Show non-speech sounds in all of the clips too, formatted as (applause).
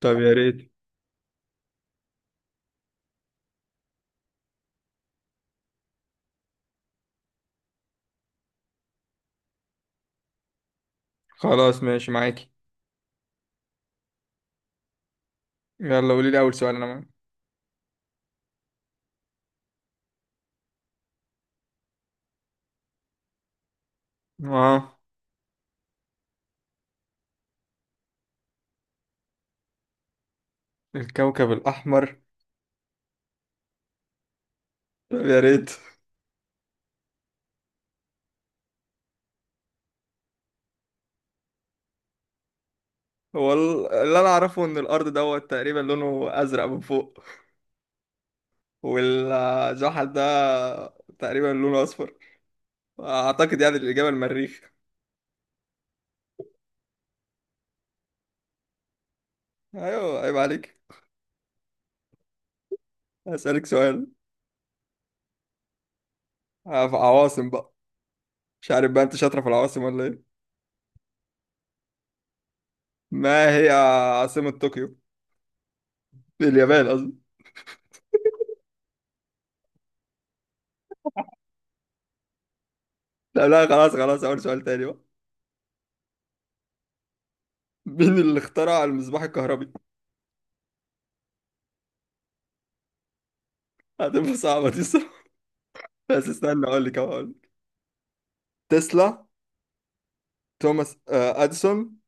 طب يا ريت. خلاص، ماشي معاكي. يلا قولي لي اول سؤال، انا معاك. اه الكوكب الاحمر. طب يا ريت. هو اللي انا اعرفه ان الارض دوت تقريبا لونه ازرق من فوق، والزحل ده تقريبا لونه اصفر، اعتقد يعني الاجابه المريخ. ايوه عيب عليك. هسألك سؤال في عواصم بقى، مش عارف بقى انت شاطره في العواصم ولا ايه. ما هي عاصمه طوكيو، اليابان قصدي. لا، خلاص، اول سؤال تاني بقى. مين اللي اخترع المصباح الكهربي؟ هتبقى صعبة دي الصراحة، بس استنى أقول لك أهو، أقول لك. تسلا، توماس أديسون.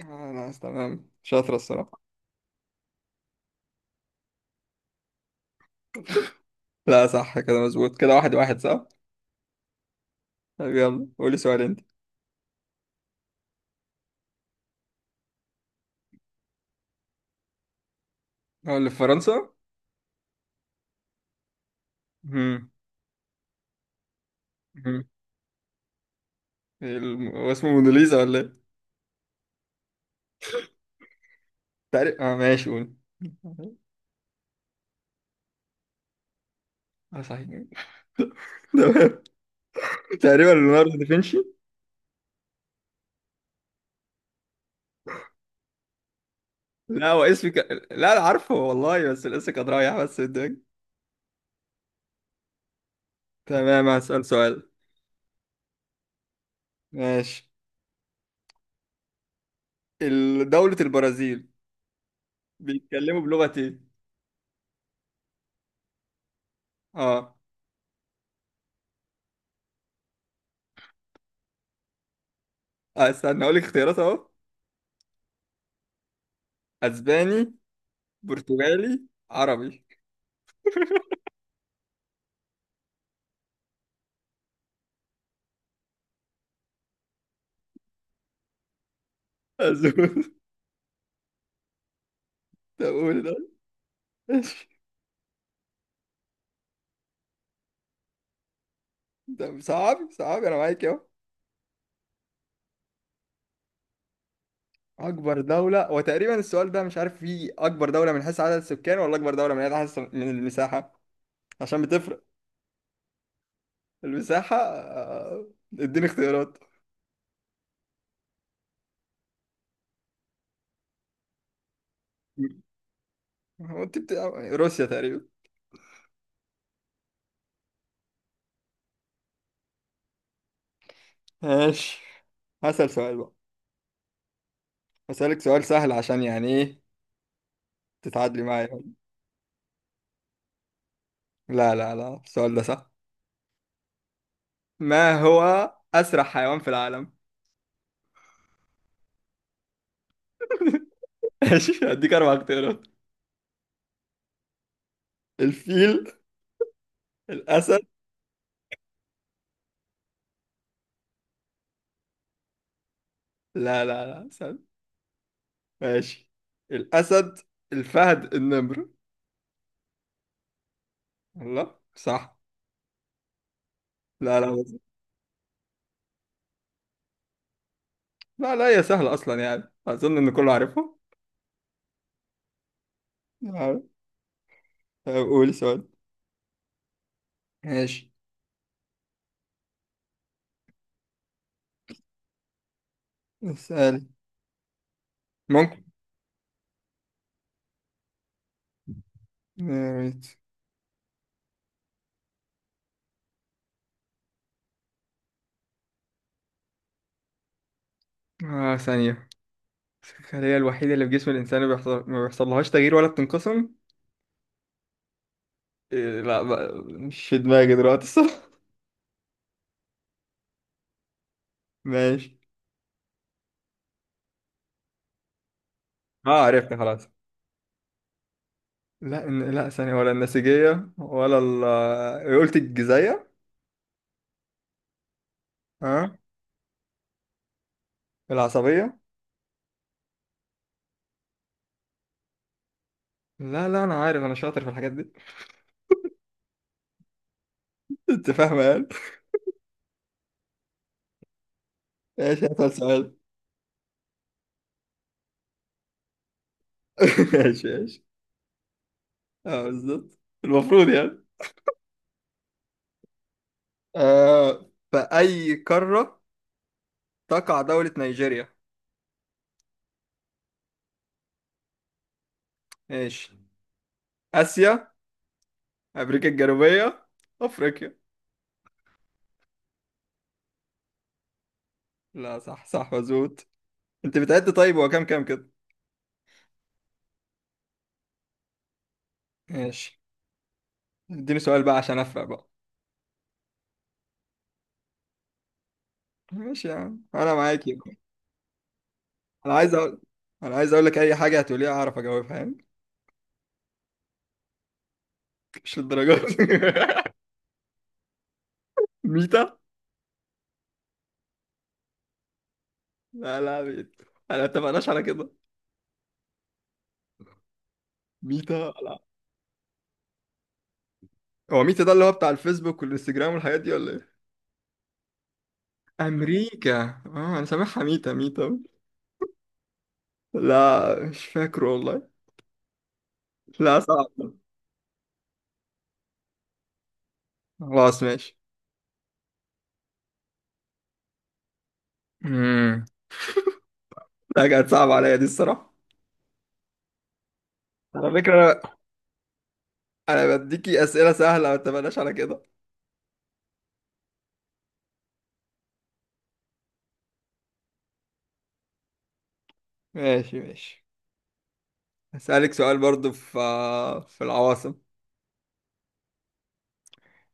آه لا، تمام، شاطرة الصراحة. لا صح كده، مظبوط كده، واحد واحد، صح. طب يلا قولي سؤال أنت. هو اللي في فرنسا. مم. مم. إيه هو اسمه موناليزا ولا إيه؟ تقريبا، آه ماشي قول. آه صحيح (laughs) تمام، تقريبا ليوناردو دافنشي. لا هو اسمي ك... لا أنا عارفه والله، بس الاسم كان رايح بس قدامي. تمام هسأل سؤال. ماشي. دولة البرازيل بيتكلموا بلغة ايه؟ اه. آه، استنى اقول لك اختيارات اهو. اسباني، برتغالي، عربي. أزول (laughs) طب قول ده. ماشي. طب صعب صعب، انا معاك اهو. اكبر دولة؟ هو تقريبا السؤال ده مش عارف فيه، اكبر دولة من حيث عدد السكان ولا اكبر دولة من حيث من المساحة، عشان بتفرق. المساحة، آه، اديني اختيارات. هو انت بت... روسيا تقريبا. ماشي، هسأل سؤال بقى. هسألك سؤال سهل عشان يعني ايه، تتعادلي معايا. لا، السؤال ده سهل. ما هو أسرع حيوان في العالم؟ (laughs) ماشي، هديك أربع اختيارات: الفيل، الأسد. لا أسد. ماشي، الأسد، الفهد، النمر. الله صح. لا لا بس. لا لا، هي سهلة أصلا يعني، أظن إن كله عارفها. عارف. طب قولي سؤال. ماشي، اسأل. ممكن. يا ريت. آه ثانية، الخلية الوحيدة اللي في جسم الإنسان ما بيحصلهاش تغيير ولا بتنقسم؟ إيه، لا بقى مش في دماغي دلوقتي (laughs) الصراحة. ماشي. اه عرفت خلاص. لا إن... لا ثانية، ولا النسيجية، ولا ال... قلت الجزية. ها. العصبية. لا، أنا عارف، أنا شاطر في الحاجات دي (laughs) أنت فاهم يعني. إيش أسهل سؤال؟ (laughs) إيش إيش. اه بالظبط، المفروض يعني. آه، في أي قارة تقع دولة نيجيريا؟ إيش؟ آسيا، أمريكا الجنوبية، أفريقيا. لا صح صح مظبوط. أنت بتعد طيب، هو كام كام كده؟ ماشي، اديني سؤال بقى عشان أفرق بقى. ماشي يا عم، أنا معاك. انا عايز اقول انا عايز اقول لك اي حاجه هتقوليها اعرف اجاوبها، فاهم؟ مش للدرجه دي. (laughs) ميتا. لا ميتا، انا اتفقناش على كده. ميتا. لا، هو ميتا ده اللي هو بتاع الفيسبوك والانستجرام والحاجات دي ولا ايه؟ امريكا، اه انا سامعها ميتا ميتا. لا مش فاكر والله، لا صعب. خلاص ماشي. امم، لا كانت صعبة عليا دي الصراحة. على فكرة، أنا بديكي أسئلة سهلة، ما اتفقناش على كده. ماشي، هسألك سؤال برضو في العواصم.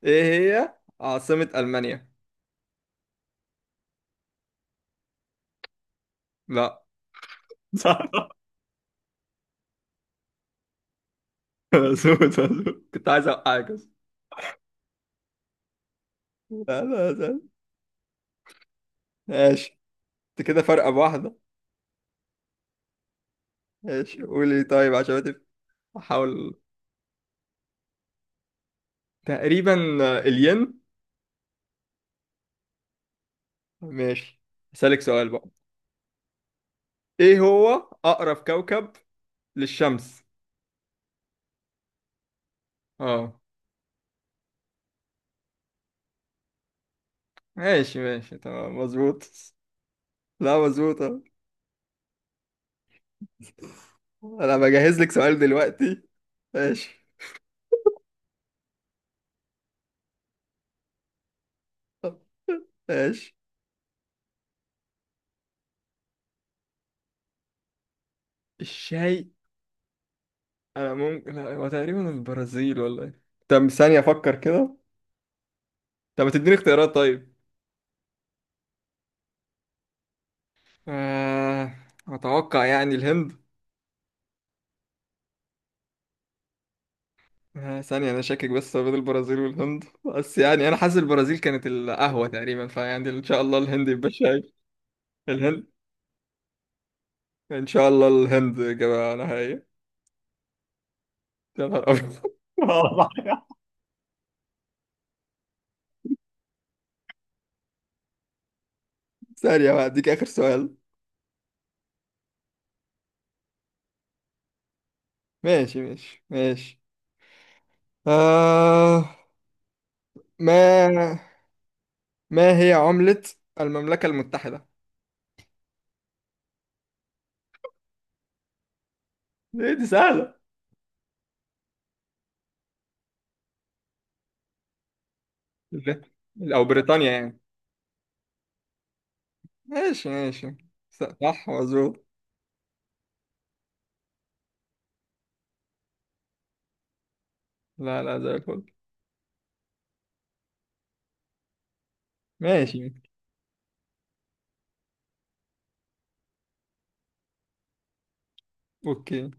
ايه هي عاصمة ألمانيا؟ لا صح (laughs) مظبوط مظبوط، كنت عايز اوقعك بس. لا، ماشي. انت كده فرقة بواحدة. ماشي، قولي طيب عشان احاول. تقريبا، آه، الين. ماشي، اسألك سؤال بقى. ايه هو اقرب كوكب للشمس؟ اه. ماشي ماشي تمام مظبوط. لا مظبوط أهو. انا بجهز لك سؤال دلوقتي. ماشي. (laughs) ماشي. الشيء. انا ممكن، هو تقريبا البرازيل ولا ايه؟ طب ثانية افكر كده. طب ما تديني اختيارات طيب. آه... اتوقع يعني الهند. آه ثانية، انا شاكك بس ما بين البرازيل والهند، بس يعني انا حاسس البرازيل كانت القهوة تقريبا، فيعني ان شاء الله الهند يبقى شاي. الهند. ان شاء الله الهند اجابة نهائية. يا نهار أبيض. (laughs) والله. ثانية بقى، اديك اخر سؤال. ماشي. آه... ما. ما هي عملة المملكة المتحدة؟ ايه دي سهلة. ب- او بريطانيا يعني. ماشي، صح مظبوط. لا لا، زي الفل. ماشي. اوكي.